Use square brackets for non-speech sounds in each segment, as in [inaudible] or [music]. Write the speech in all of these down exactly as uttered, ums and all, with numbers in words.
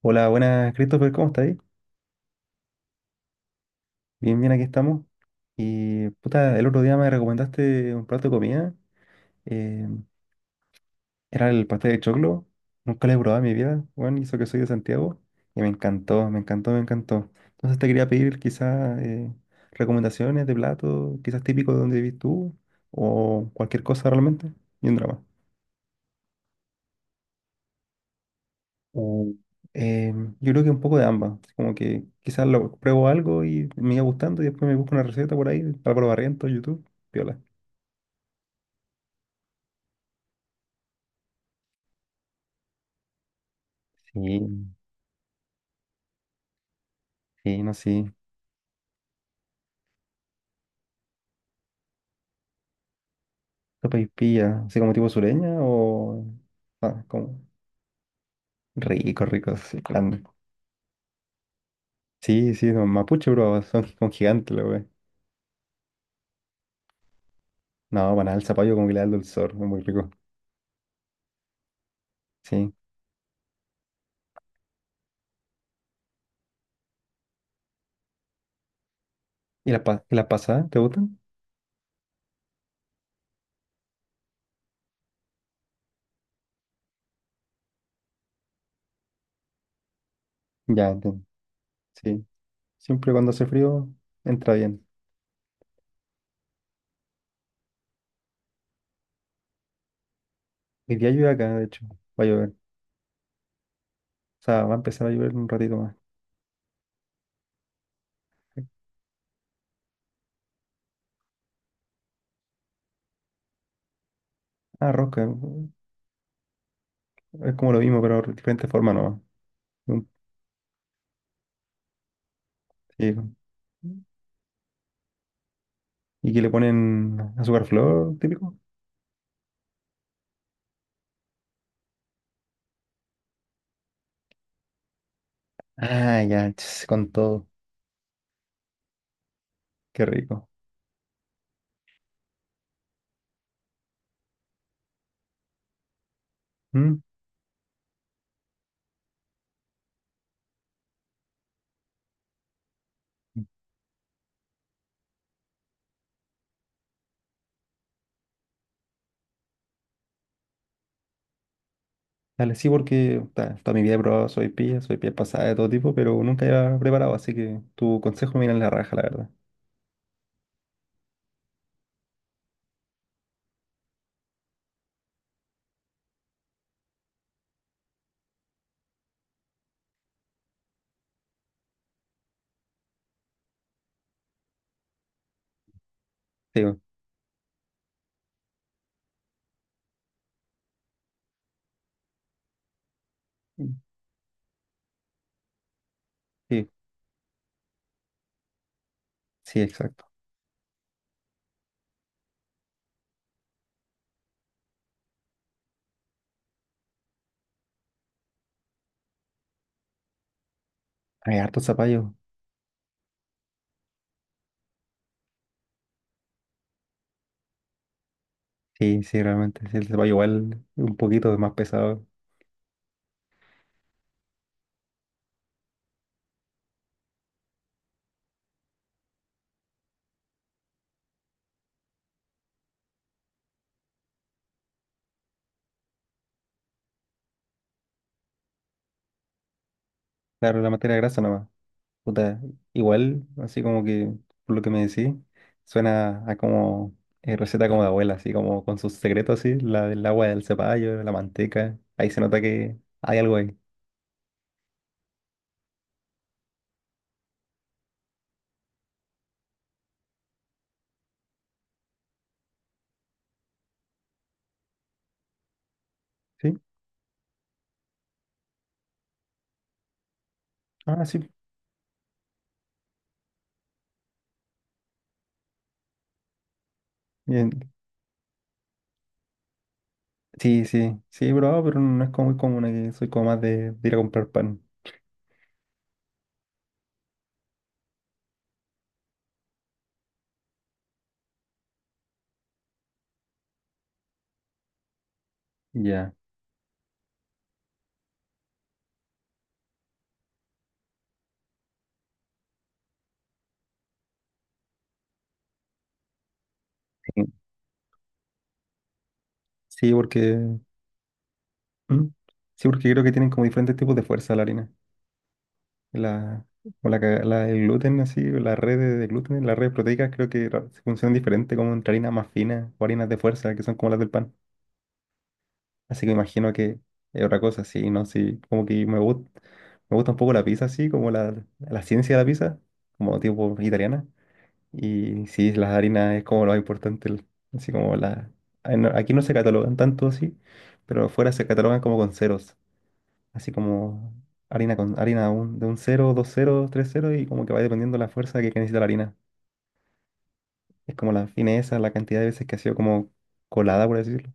Hola, buenas, Christopher, ¿cómo estás? Ahí? Bien, bien, aquí estamos. Y puta, el otro día me recomendaste un plato de comida. eh, Era el pastel de choclo. Nunca lo he probado en mi vida, bueno, y eso que soy de Santiago. Y me encantó, me encantó, me encantó. Entonces te quería pedir quizás eh, recomendaciones de platos, quizás típicos de donde vivís tú, o cualquier cosa realmente. Y un drama. O, eh, yo creo que un poco de ambas. Como que quizás lo pruebo algo y me iba gustando y después me busco una receta por ahí, Álvaro Barrientos, YouTube, piola. Sí, sí, no sé. Sopa y pilla, ¿así como tipo sureña o? Ah, como. Rico, rico, sí, grande. Sí, sí, no, mapuche, bro, [laughs] son gi- como gigantes, la wey. No, banal, al zapallo como que le da el dulzor, es muy rico. Sí. ¿Y las pa- y las pasadas, te gustan? Ya, entiendo. Sí. Siempre cuando hace frío, entra bien. Hoy día llueve acá, de hecho, va a llover. O sea, va a empezar a llover en un ratito más. Ah, rosca. Es como lo mismo, pero de diferente forma nomás. Un- sí. Y que le ponen azúcar flor, típico. Ah, ya, ch, con todo. Qué rico. Mm. Dale, sí, porque ta, toda mi vida he probado soy pilla, soy pilla pasada de todo tipo, pero nunca había preparado, así que tu consejo me viene en la raja, la verdad. Sí, bo. Sí, sí, exacto. Hay harto zapallo. Sí, sí, realmente. Sí, el zapallo igual un poquito más pesado. Claro, la materia grasa nomás. Puta, igual, así como que, por lo que me decís, suena a como eh, receta como de abuela, así como con sus secretos, así, la del agua del cepallo, la manteca, ahí se nota que hay algo ahí, ¿sí? Ah, sí, bien. Sí, sí, sí, he probado, pero no es como muy común aquí, soy como más de, de ir a comprar pan. Ya. Sí, sí, porque, ¿mm? Sí, porque creo que tienen como diferentes tipos de fuerza la harina. La, o la, ca- la- el gluten, así, o la red de gluten, las redes proteicas creo que ra- funcionan diferente como entre harinas más finas o harinas de fuerza, que son como las del pan. Así que imagino que es otra cosa, sí, ¿no? Sí, como que me gusta, me gusta un poco la pizza, así, como la, la ciencia de la pizza, como tipo italiana. Y sí, las harinas es como lo más importante, el- así como la... Ay, no, aquí no se catalogan tanto así, pero afuera se catalogan como con ceros, así como harina con harina un- de un cero dos cero, tres cero y como que va dependiendo la fuerza que, que necesita la harina. Es como la fineza, la cantidad de veces que ha sido como colada, por decirlo.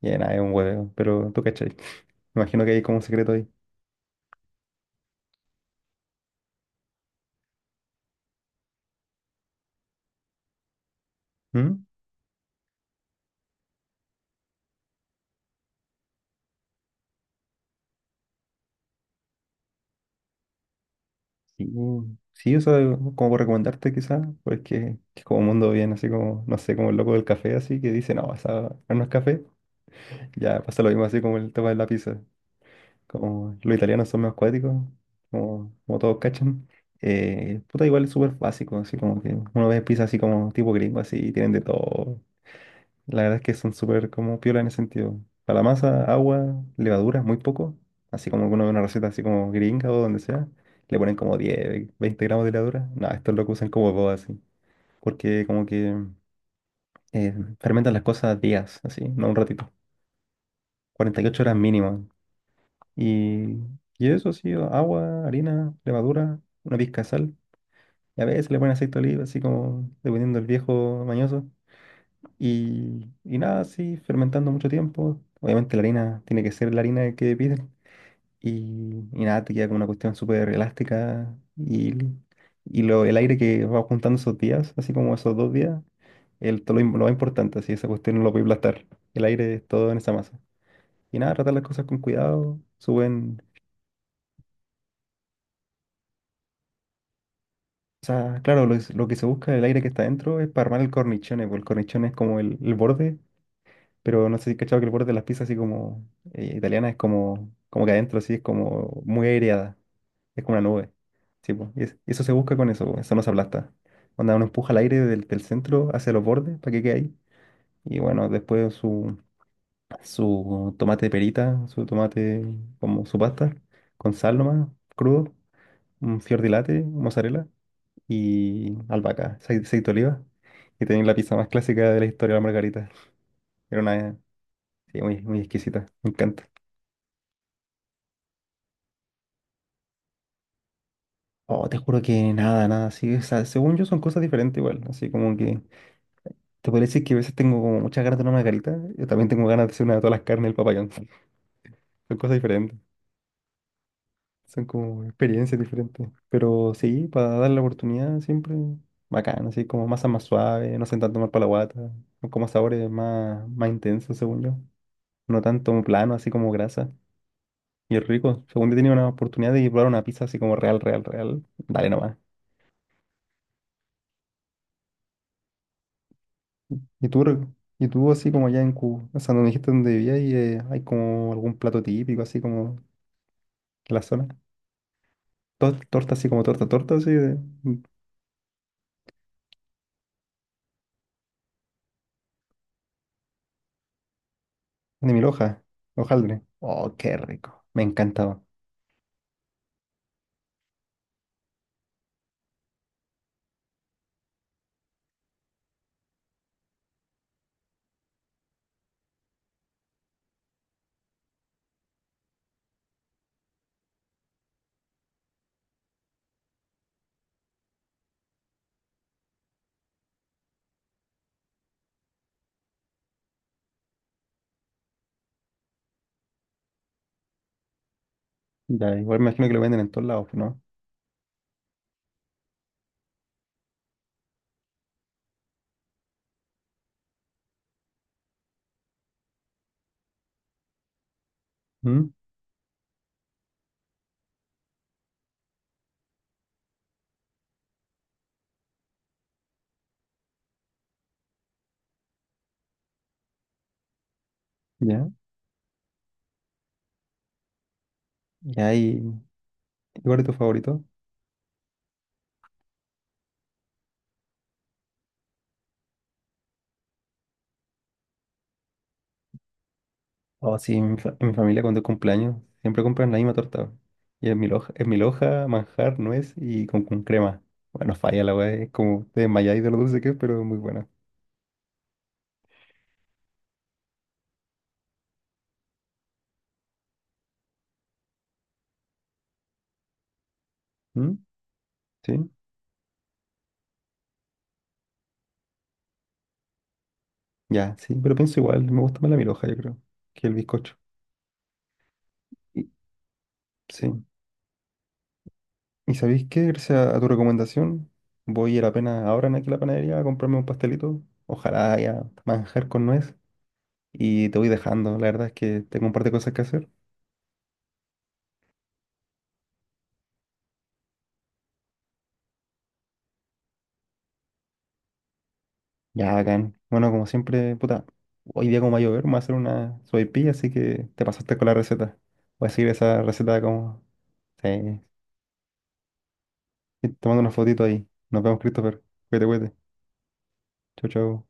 Y nada, es un hueveo, pero tú cachai. [laughs] Me imagino que hay como un secreto ahí. ¿Mm? Sí, sí, eso como por recomendarte quizás, porque es como un mundo bien, así como, no sé, como el loco del café, así que dice, no, esa no es café. Ya pasa lo mismo así como el tema de la pizza. Como los italianos son más cuáticos, como, como todos cachan, eh, puta, igual es súper básico, así como que uno ve pizza así como tipo gringo, así, y tienen de todo. La verdad es que son súper como piola en ese sentido. Para la masa, agua, levadura, muy poco, así como que uno ve una receta así como gringa o donde sea, le ponen como diez veinte gramos de levadura. No, estos lo que usan como boba, así, porque como que eh, fermentan las cosas días, así, no un ratito. Cuarenta y ocho horas mínimo. Y, y eso así, agua, harina, levadura, una pizca de sal. Y a veces le ponen aceite de oliva, así como dependiendo del viejo mañoso. Y, y nada, así, fermentando mucho tiempo. Obviamente la harina tiene que ser la harina que piden. Y, y nada, te queda como una cuestión súper elástica. Y, y lo, el aire que va juntando esos días, así como esos dos días, el, todo lo, im- lo más importante, así, esa cuestión no lo puede aplastar. El aire es todo en esa masa. Y nada, tratar las cosas con cuidado, suben. O sea, claro, lo, es- lo que se busca el aire que está dentro es para armar el cornichone, porque el cornichone es como el, el borde, pero no sé si has cachado que el borde de las pizzas así como eh, italiana es como, como que adentro así es como muy aireada, es como una nube. Sí, po, y es- eso se busca con eso, po, eso no se aplasta. Cuando uno empuja el aire del, del centro hacia los bordes para que quede ahí. Y bueno, después su, su tomate de perita, su tomate como su pasta, con sal nomás, crudo, un fior di latte, mozzarella y albahaca, acei- aceite de oliva. Y tenéis la pizza más clásica de la historia de la margarita. Era una, sí, muy, muy exquisita, me encanta. Oh, te juro que nada, nada, sí, o sea, según yo son cosas diferentes igual, así como que te podría decir que a veces tengo como muchas ganas de una margarita, yo también tengo ganas de hacer una de todas las carnes del papayón, [laughs] son cosas diferentes, son como experiencias diferentes, pero sí, para darle la oportunidad siempre bacán, así como masas más suaves, no hacen tanto mal para la guata, son como sabores más, más intensos según yo, no tanto plano, así como grasa. Y es rico. Según yo tenía una oportunidad de probar una pizza así como real, real, real. Dale nomás. ¿Y tú, re- y tú así como allá en Cuba? O sea, donde dijiste donde vivías y eh, hay como algún plato típico así como de la zona. Tor- torta así como torta, torta así de, de mil hojas. Hojaldre. Oh, qué rico. Me encantaba. Ya, igual me imagino que lo venden en todos lados, ¿no? ¿Mm? ¿Ya? Ya, ¿y ahí? ¿Y ¿Cuál es tu favorito? Oh, sí, en mi, fa- en mi familia cuando es cumpleaños siempre compran la misma torta. Y es mi loja, es mi loja, manjar, nuez y con, con crema. Bueno, falla la weá, es como te desmayáis de lo dulce que es, pero es muy buena. ¿Mm? ¿Sí? Ya, sí, pero pienso igual, me gusta más la milhoja yo creo, que el bizcocho. Y- sí. ¿Y sabéis qué? Gracias a tu recomendación, voy a ir apenas ahora en aquí a la panadería a comprarme un pastelito. Ojalá haya manjar con nuez. Y te voy dejando, la verdad es que tengo un par de cosas que hacer. Ya, bacán. Bueno, como siempre, puta, hoy día como va a llover, me voy a hacer una sopaipilla, así que te pasaste con la receta. Voy a seguir esa receta como... Sí. Y te mando una fotito ahí. Nos vemos, Christopher. Cuídate, cuídate. Chau, chau.